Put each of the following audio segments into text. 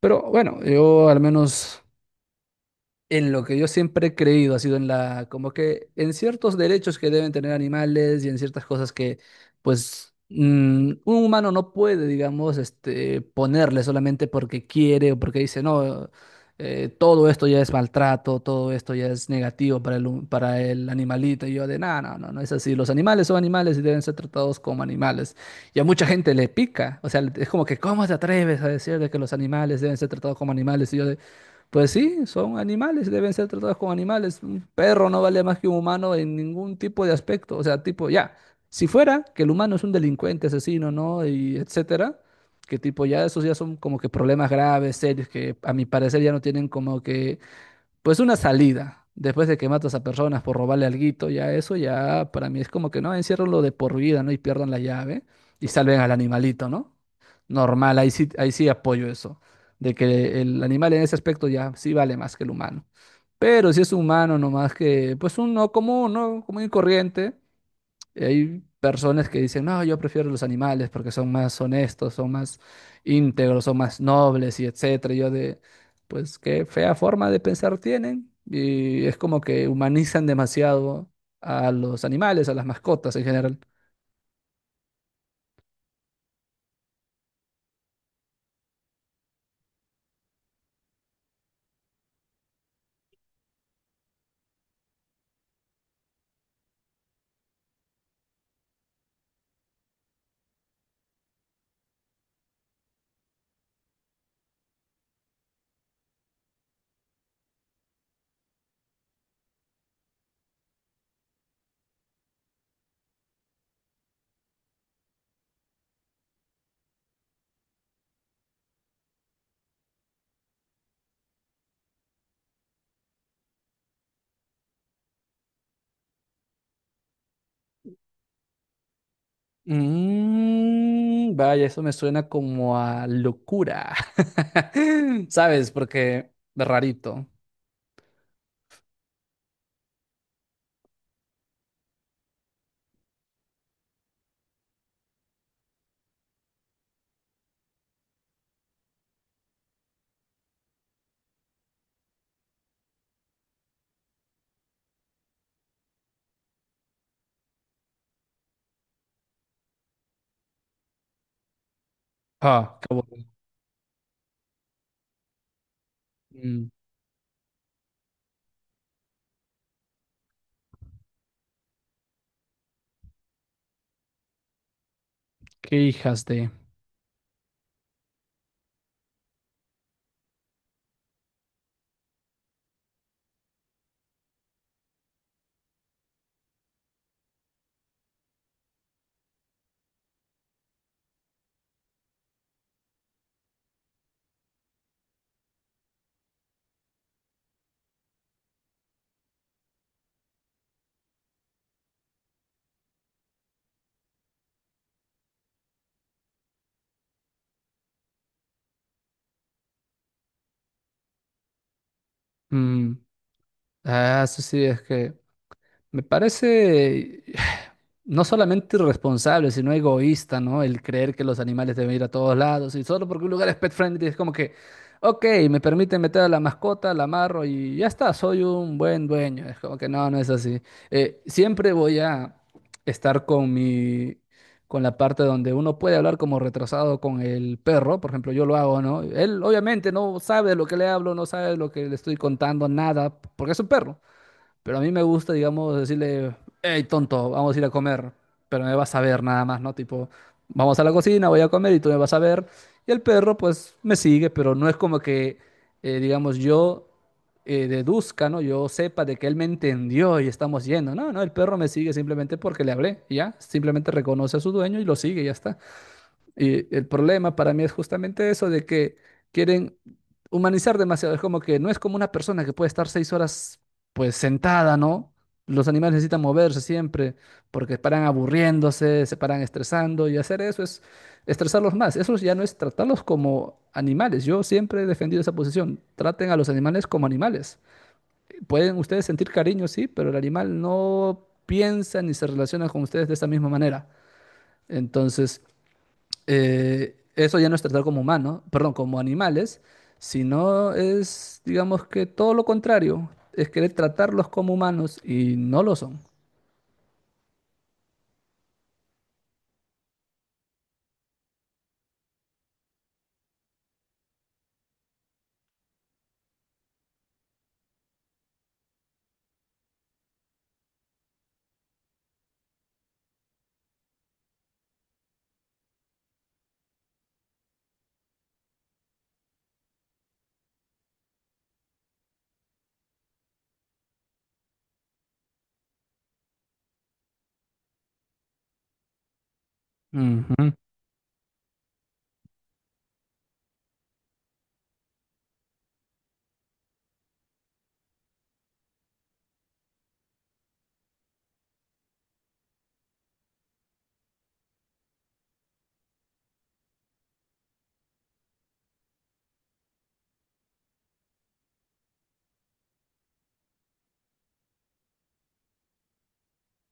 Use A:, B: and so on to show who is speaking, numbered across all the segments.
A: Pero bueno, yo al menos en lo que yo siempre he creído ha sido en la, como que en ciertos derechos que deben tener animales y en ciertas cosas que, pues, un humano no puede, digamos, este, ponerle solamente porque quiere o porque dice, no, todo esto ya es maltrato, todo esto ya es negativo para para el animalito. Y yo de, no, no, no, no es así. Los animales son animales y deben ser tratados como animales. Y a mucha gente le pica, o sea, es como que, ¿cómo te atreves a decir de que los animales deben ser tratados como animales? Y yo de, pues sí, son animales, deben ser tratados como animales. Un perro no vale más que un humano en ningún tipo de aspecto. O sea, tipo, ya, si fuera que el humano es un delincuente, asesino, ¿no? Y etcétera, que tipo, ya esos ya son como que problemas graves, serios, que a mi parecer ya no tienen como que pues una salida. Después de que matas a personas por robarle alguito, ya eso ya para mí es como que no, enciérrenlo de por vida, ¿no? Y pierdan la llave y salven al animalito, ¿no? Normal, ahí sí apoyo eso, de que el animal en ese aspecto ya sí vale más que el humano. Pero si es humano nomás que, pues un no común, ¿no? Común y corriente, y hay personas que dicen, no, yo prefiero los animales porque son más honestos, son más íntegros, son más nobles y etcétera. Y yo de, pues qué fea forma de pensar tienen. Y es como que humanizan demasiado a los animales, a las mascotas en general. Mm, vaya, eso me suena como a locura. ¿Sabes? Porque de rarito. Ah, qué aburrido. Mm, qué hijas de. Mm, ah, eso sí, es que. Me parece no solamente irresponsable, sino egoísta, ¿no? El creer que los animales deben ir a todos lados y solo porque un lugar es pet friendly es como que, ok, me permite meter a la mascota, la amarro y ya está, soy un buen dueño. Es como que no, no es así. Siempre voy a estar con la parte donde uno puede hablar como retrasado con el perro, por ejemplo, yo lo hago, ¿no? Él obviamente no sabe de lo que le hablo, no sabe de lo que le estoy contando, nada, porque es un perro. Pero a mí me gusta, digamos, decirle, hey, tonto, vamos a ir a comer, pero me vas a ver nada más, ¿no? Tipo, vamos a la cocina, voy a comer y tú me vas a ver. Y el perro, pues, me sigue, pero no es como que, digamos, yo deduzca, ¿no? Yo sepa de que él me entendió y estamos yendo. No, no, el perro me sigue simplemente porque le hablé, y ya. Simplemente reconoce a su dueño y lo sigue, y ya está. Y el problema para mí es justamente eso de que quieren humanizar demasiado. Es como que no es como una persona que puede estar 6 horas pues sentada, ¿no? Los animales necesitan moverse siempre porque paran aburriéndose, se paran estresando y hacer eso es estresarlos más. Eso ya no es tratarlos como animales. Yo siempre he defendido esa posición. Traten a los animales como animales. Pueden ustedes sentir cariño, sí, pero el animal no piensa ni se relaciona con ustedes de esa misma manera. Entonces eso ya no es tratar como humanos, perdón, como animales, sino es, digamos que todo lo contrario, es querer tratarlos como humanos y no lo son. Ujú.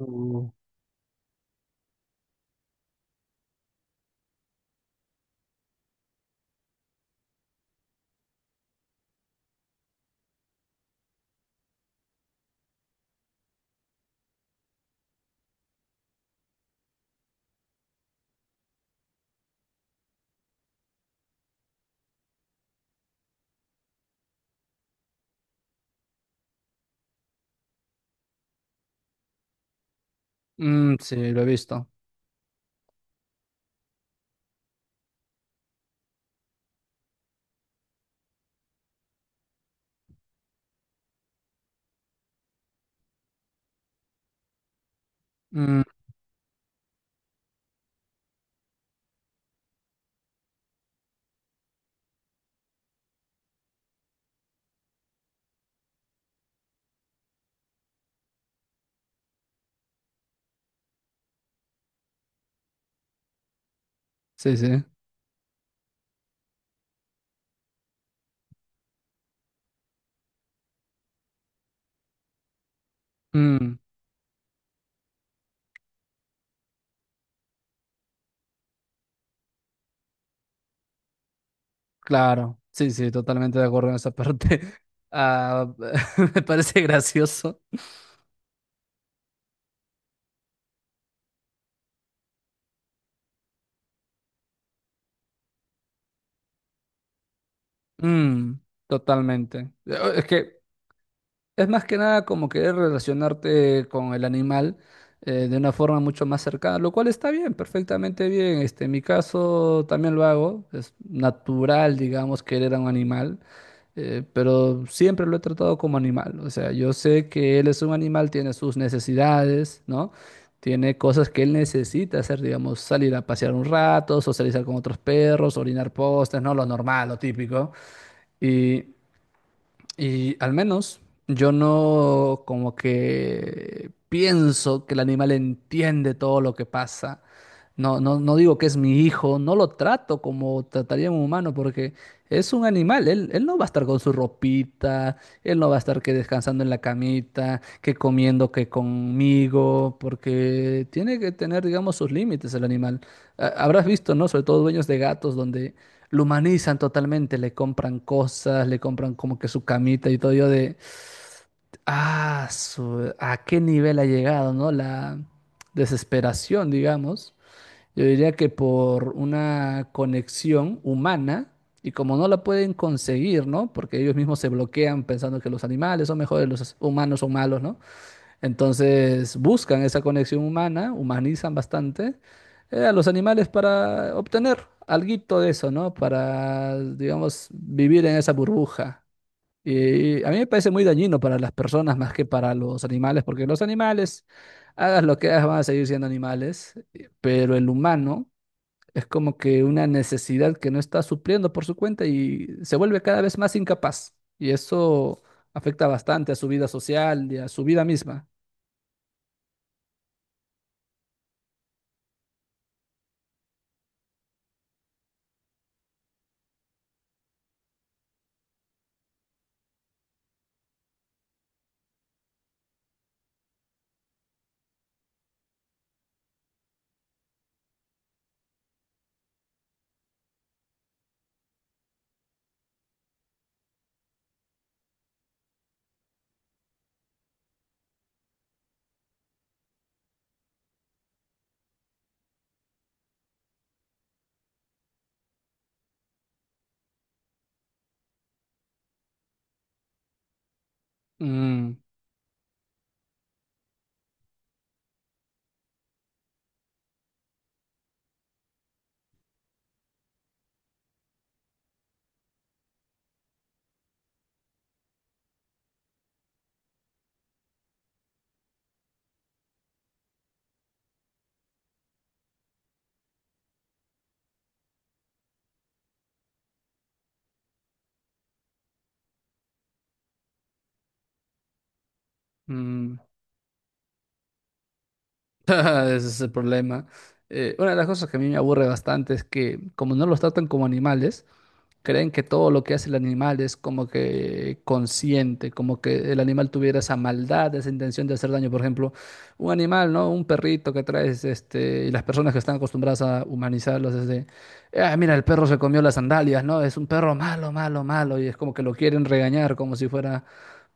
A: Uh, Mm, sí, lo he visto. Mm, sí, sí. Mm, claro. Sí, sí, totalmente de acuerdo en esa parte. Ah, me parece gracioso. Mm, totalmente. Es más que nada como querer relacionarte con el animal de una forma mucho más cercana, lo cual está bien, perfectamente bien. Este, en mi caso también lo hago, es natural, digamos, querer a un animal, pero siempre lo he tratado como animal. O sea, yo sé que él es un animal, tiene sus necesidades, ¿no? Tiene cosas que él necesita hacer, digamos, salir a pasear un rato, socializar con otros perros, orinar postes, ¿no? Lo normal, lo típico. Y al menos yo no como que pienso que el animal entiende todo lo que pasa. No, no, no digo que es mi hijo, no lo trato como trataría a un humano porque es un animal. Él no va a estar con su ropita, él no va a estar que descansando en la camita, que comiendo que conmigo, porque tiene que tener, digamos, sus límites el animal. Ah, habrás visto, ¿no? Sobre todo dueños de gatos donde lo humanizan totalmente, le compran cosas, le compran como que su camita y todo yo de, ¿a qué nivel ha llegado, ¿no? La desesperación, digamos. Yo diría que por una conexión humana y como no la pueden conseguir, ¿no? Porque ellos mismos se bloquean pensando que los animales son mejores, los humanos son malos, ¿no? Entonces buscan esa conexión humana, humanizan bastante a los animales para obtener alguito de eso, ¿no? Para, digamos, vivir en esa burbuja. Y a mí me parece muy dañino para las personas más que para los animales, porque los animales, hagas lo que hagas, van a seguir siendo animales, pero el humano es como que una necesidad que no está supliendo por su cuenta y se vuelve cada vez más incapaz. Y eso afecta bastante a su vida social y a su vida misma. Mm, mm. Ese es el problema. Una de las cosas que a mí me aburre bastante es que como no los tratan como animales, creen que todo lo que hace el animal es como que consciente, como que el animal tuviera esa maldad, esa intención de hacer daño. Por ejemplo, un animal, ¿no? Un perrito que traes, este, y las personas que están acostumbradas a humanizarlos es de, ah, mira, el perro se comió las sandalias, ¿no? Es un perro malo, malo, malo, y es como que lo quieren regañar como si fuera,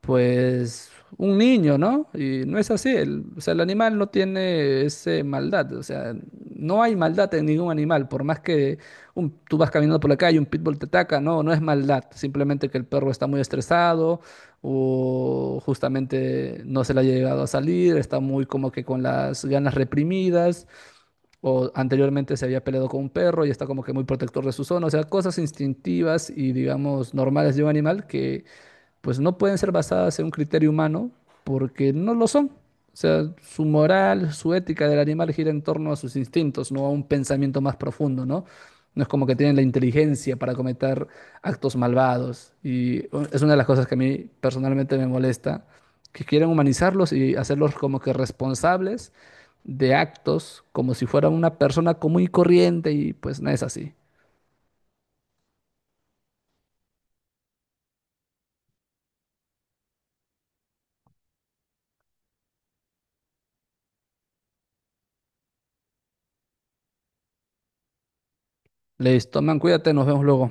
A: pues, un niño, ¿no? Y no es así, o sea, el animal no tiene esa maldad, o sea, no hay maldad en ningún animal, por más que tú vas caminando por la calle, un pitbull te ataca, no, no es maldad, simplemente que el perro está muy estresado o justamente no se le ha llegado a salir, está muy como que con las ganas reprimidas o anteriormente se había peleado con un perro y está como que muy protector de su zona, o sea, cosas instintivas y digamos normales de un animal que pues no pueden ser basadas en un criterio humano porque no lo son. O sea, su moral, su ética del animal gira en torno a sus instintos, no a un pensamiento más profundo, ¿no? No es como que tienen la inteligencia para cometer actos malvados. Y es una de las cosas que a mí personalmente me molesta, que quieren humanizarlos y hacerlos como que responsables de actos, como si fuera una persona común y corriente, y pues no es así. Les toman, cuídate, nos vemos luego.